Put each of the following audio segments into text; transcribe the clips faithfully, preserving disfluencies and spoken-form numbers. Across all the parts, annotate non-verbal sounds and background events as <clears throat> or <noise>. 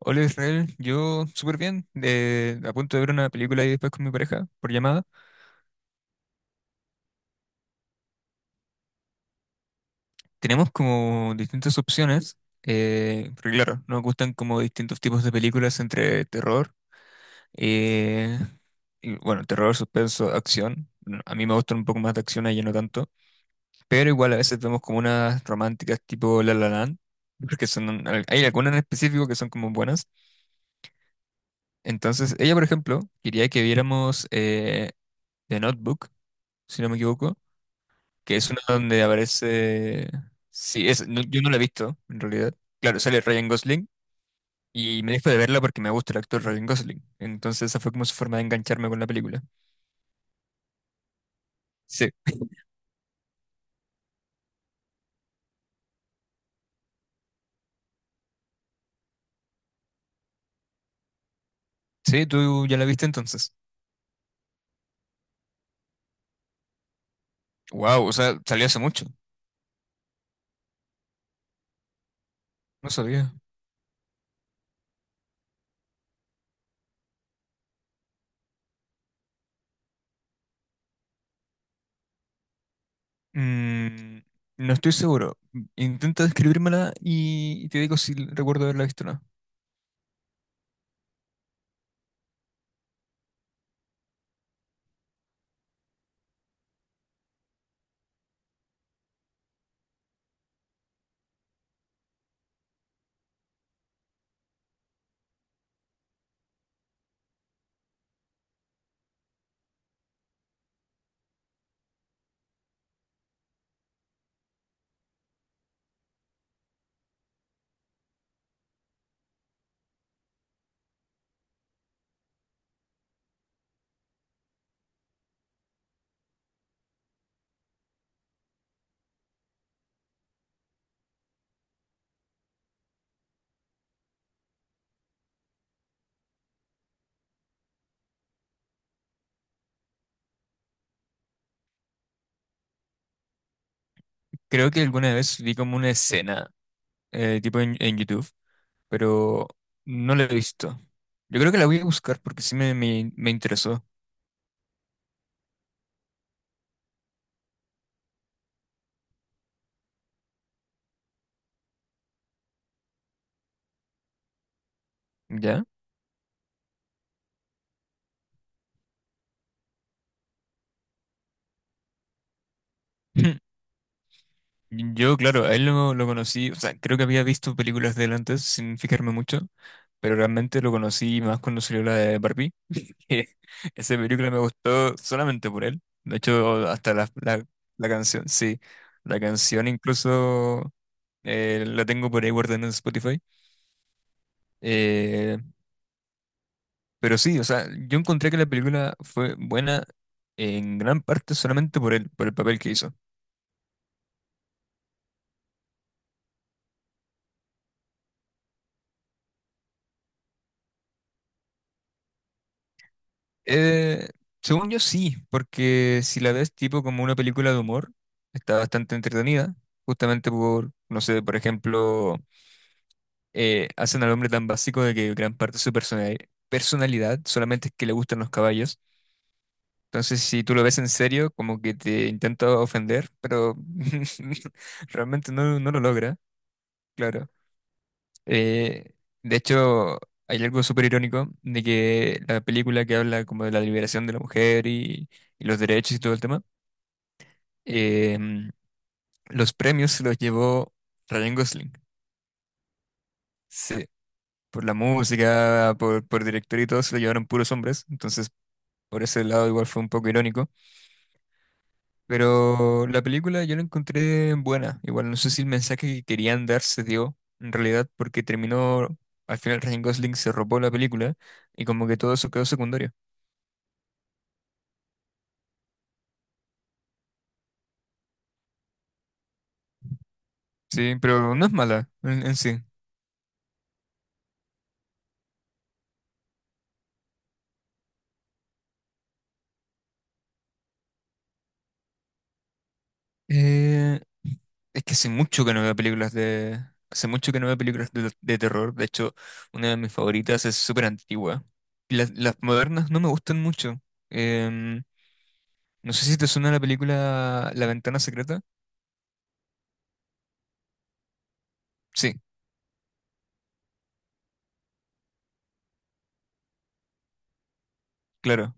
Hola Israel, yo súper bien, eh, a punto de ver una película y después con mi pareja por llamada. Tenemos como distintas opciones, eh, porque claro, nos gustan como distintos tipos de películas entre terror, eh, y, bueno, terror, suspenso, acción. No, a mí me gustan un poco más de acción, a ella no tanto, pero igual a veces vemos como unas románticas tipo La La Land, porque son, al- hay algunas en específico que son como buenas. Entonces, ella, por ejemplo, quería que viéramos eh, The Notebook, si no me equivoco, que es una donde aparece... Sí, es... no- yo no la he visto, en realidad. Claro, sale Ryan Gosling y me dejo de verla porque me gusta el actor Ryan Gosling. Entonces esa fue como su forma de engancharme con la película. Sí, sí, tú ya la viste entonces. Wow, o sea, salió hace mucho. No sabía. Mm, no estoy seguro. Intenta describírmela y te digo si recuerdo haberla visto o no. Creo que alguna vez vi como una escena, eh, tipo en, en YouTube, pero no la he visto. Yo creo que la voy a buscar porque sí me, me, me interesó, ¿ya? <clears throat> <laughs> Yo, claro, a él lo, lo conocí, o sea, creo que había visto películas de él antes sin fijarme mucho, pero realmente lo conocí más cuando salió la de Barbie, <laughs> que esa película me gustó solamente por él. De hecho, hasta la, la, la canción, sí, la canción incluso eh, la tengo por ahí guardada en Spotify. Eh, Pero sí, o sea, yo encontré que la película fue buena en gran parte solamente por el, por el papel que hizo. Eh, según yo sí, porque si la ves tipo como una película de humor, está bastante entretenida, justamente por, no sé, por ejemplo, eh, hacen al hombre tan básico de que gran parte de su personali- personalidad solamente es que le gustan los caballos. Entonces, si tú lo ves en serio, como que te intenta ofender, pero <laughs> realmente no, no lo logra, claro. Eh, de hecho, hay algo súper irónico de que la película que habla como de la liberación de la mujer y, y los derechos y todo el tema, eh, los premios se los llevó Ryan Gosling. Sí, por la música, por, por director y todo, se lo llevaron puros hombres. Entonces, por ese lado igual fue un poco irónico. Pero la película yo la encontré buena. Igual no sé si el mensaje que querían dar se dio en realidad porque terminó, al final Ryan Gosling se robó la película y como que todo eso quedó secundario. Sí, pero no es mala en, en sí. Eh, es que hace mucho que no veo películas de... Hace mucho que no veo películas de, de terror. De hecho, una de mis favoritas es súper antigua. Las, las modernas no me gustan mucho. Em, no sé si te suena la película La Ventana Secreta. Sí, claro.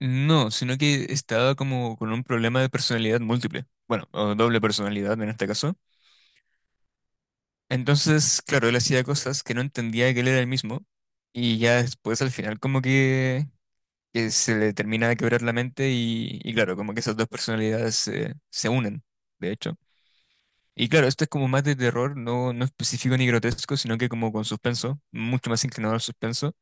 No, sino que estaba como con un problema de personalidad múltiple. Bueno, o doble personalidad en este caso. Entonces, claro, él hacía cosas que no entendía que él era el mismo. Y ya después al final como que que se le termina de quebrar la mente y, y claro, como que esas dos personalidades eh, se unen, de hecho. Y claro, esto es como más de terror, no, no específico ni grotesco, sino que como con suspenso, mucho más inclinado al suspenso.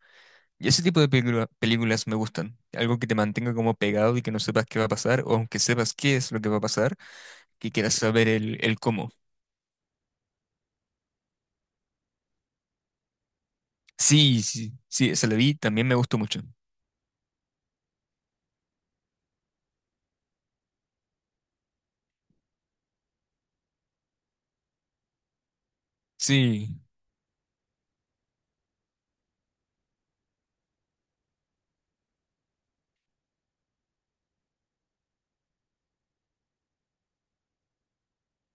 Y ese tipo de película- películas me gustan. Algo que te mantenga como pegado y que no sepas qué va a pasar, o aunque sepas qué es lo que va a pasar, que quieras saber el, el cómo. Sí, sí, sí, esa la vi, también me gustó mucho. Sí,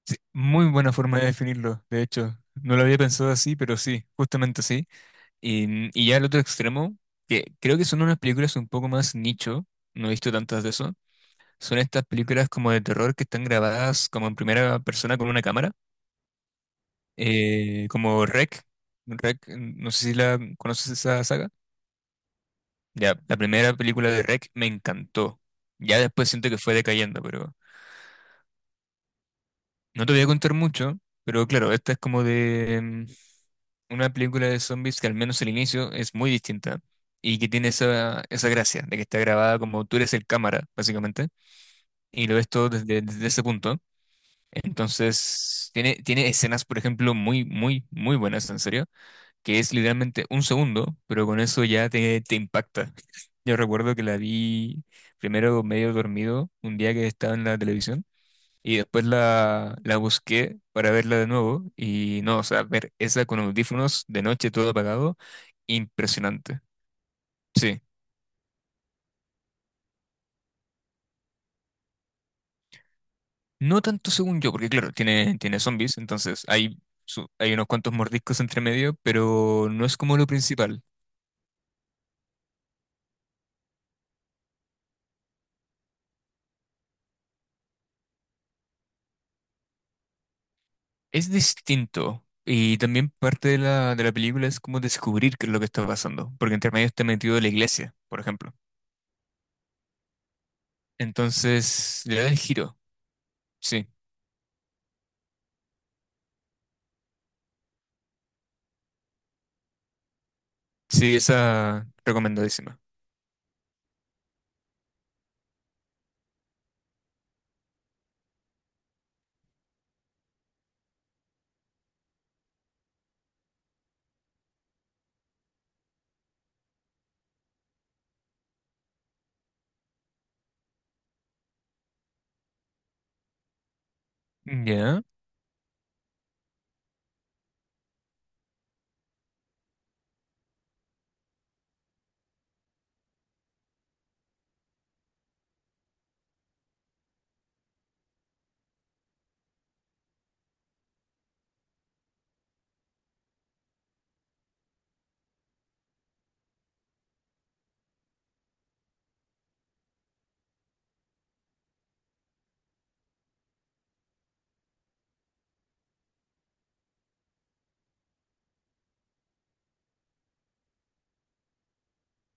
sí, muy buena forma de definirlo, de hecho. No lo había pensado así, pero sí, justamente así. Y, y ya el otro extremo, que creo que son unas películas un poco más nicho, no he visto tantas de eso, son estas películas como de terror que están grabadas como en primera persona con una cámara, eh, como REC. REC, no sé si la conoces esa saga. Ya, la primera película de REC me encantó. Ya después siento que fue decayendo, pero no te voy a contar mucho, pero claro, esta es como de, mm, una película de zombies que al menos el inicio es muy distinta y que tiene esa, esa gracia de que está grabada como tú eres el cámara, básicamente, y lo ves todo desde, desde ese punto. Entonces, tiene, tiene escenas, por ejemplo, muy, muy, muy buenas, en serio, que es literalmente un segundo, pero con eso ya te, te impacta. <laughs> Yo recuerdo que la vi primero medio dormido un día que estaba en la televisión. Y después la, la busqué para verla de nuevo. Y no, o sea, ver esa con audífonos de noche todo apagado, impresionante. Sí. No tanto según yo, porque claro, tiene, tiene zombies, entonces hay, su- hay unos cuantos mordiscos entre medio, pero no es como lo principal. Es distinto. Y también parte de la, de la película es como descubrir qué es lo que está pasando, porque entre medio está metido la iglesia, por ejemplo. Entonces, le da el giro. Sí, sí, esa recomendadísima. Ya.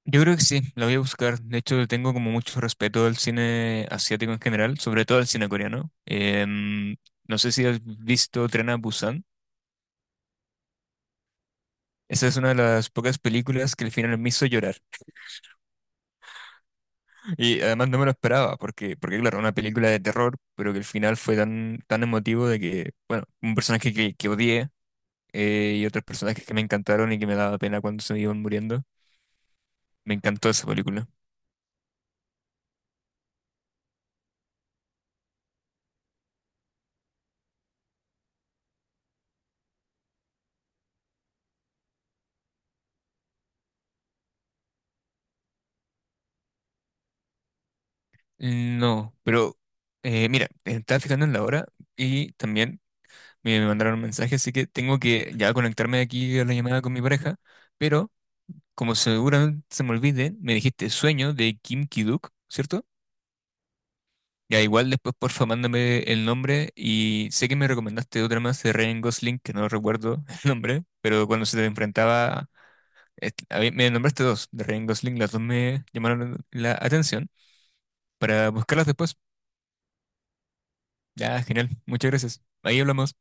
Yo creo que sí, la voy a buscar. De hecho, le tengo como mucho respeto al cine asiático en general, sobre todo al cine coreano. Em, no sé si has visto Tren a Busan. Esa es una de las pocas películas que el final me hizo llorar. Y además no me lo esperaba, porque, porque claro, una película de terror, pero que el final fue tan, tan emotivo de que, bueno, un personaje que, que odié eh, y otros personajes que me encantaron y que me daba pena cuando se iban muriendo. Me encantó esa película. No, pero eh, mira, estaba fijando en la hora y también... Me mandaron un mensaje, así que tengo que ya conectarme de aquí a la llamada con mi pareja. Pero, como seguramente se me olvide, me dijiste Sueño de Kim Ki-duk, ¿cierto? Ya igual después porfa mándame el nombre y sé que me recomendaste otra más de Ryan Gosling, que no recuerdo <laughs> el nombre, pero cuando se te enfrentaba, est- a mí- me nombraste dos de Ryan Gosling, las dos me llamaron la atención para buscarlas después. Ya, genial, muchas gracias. Ahí hablamos.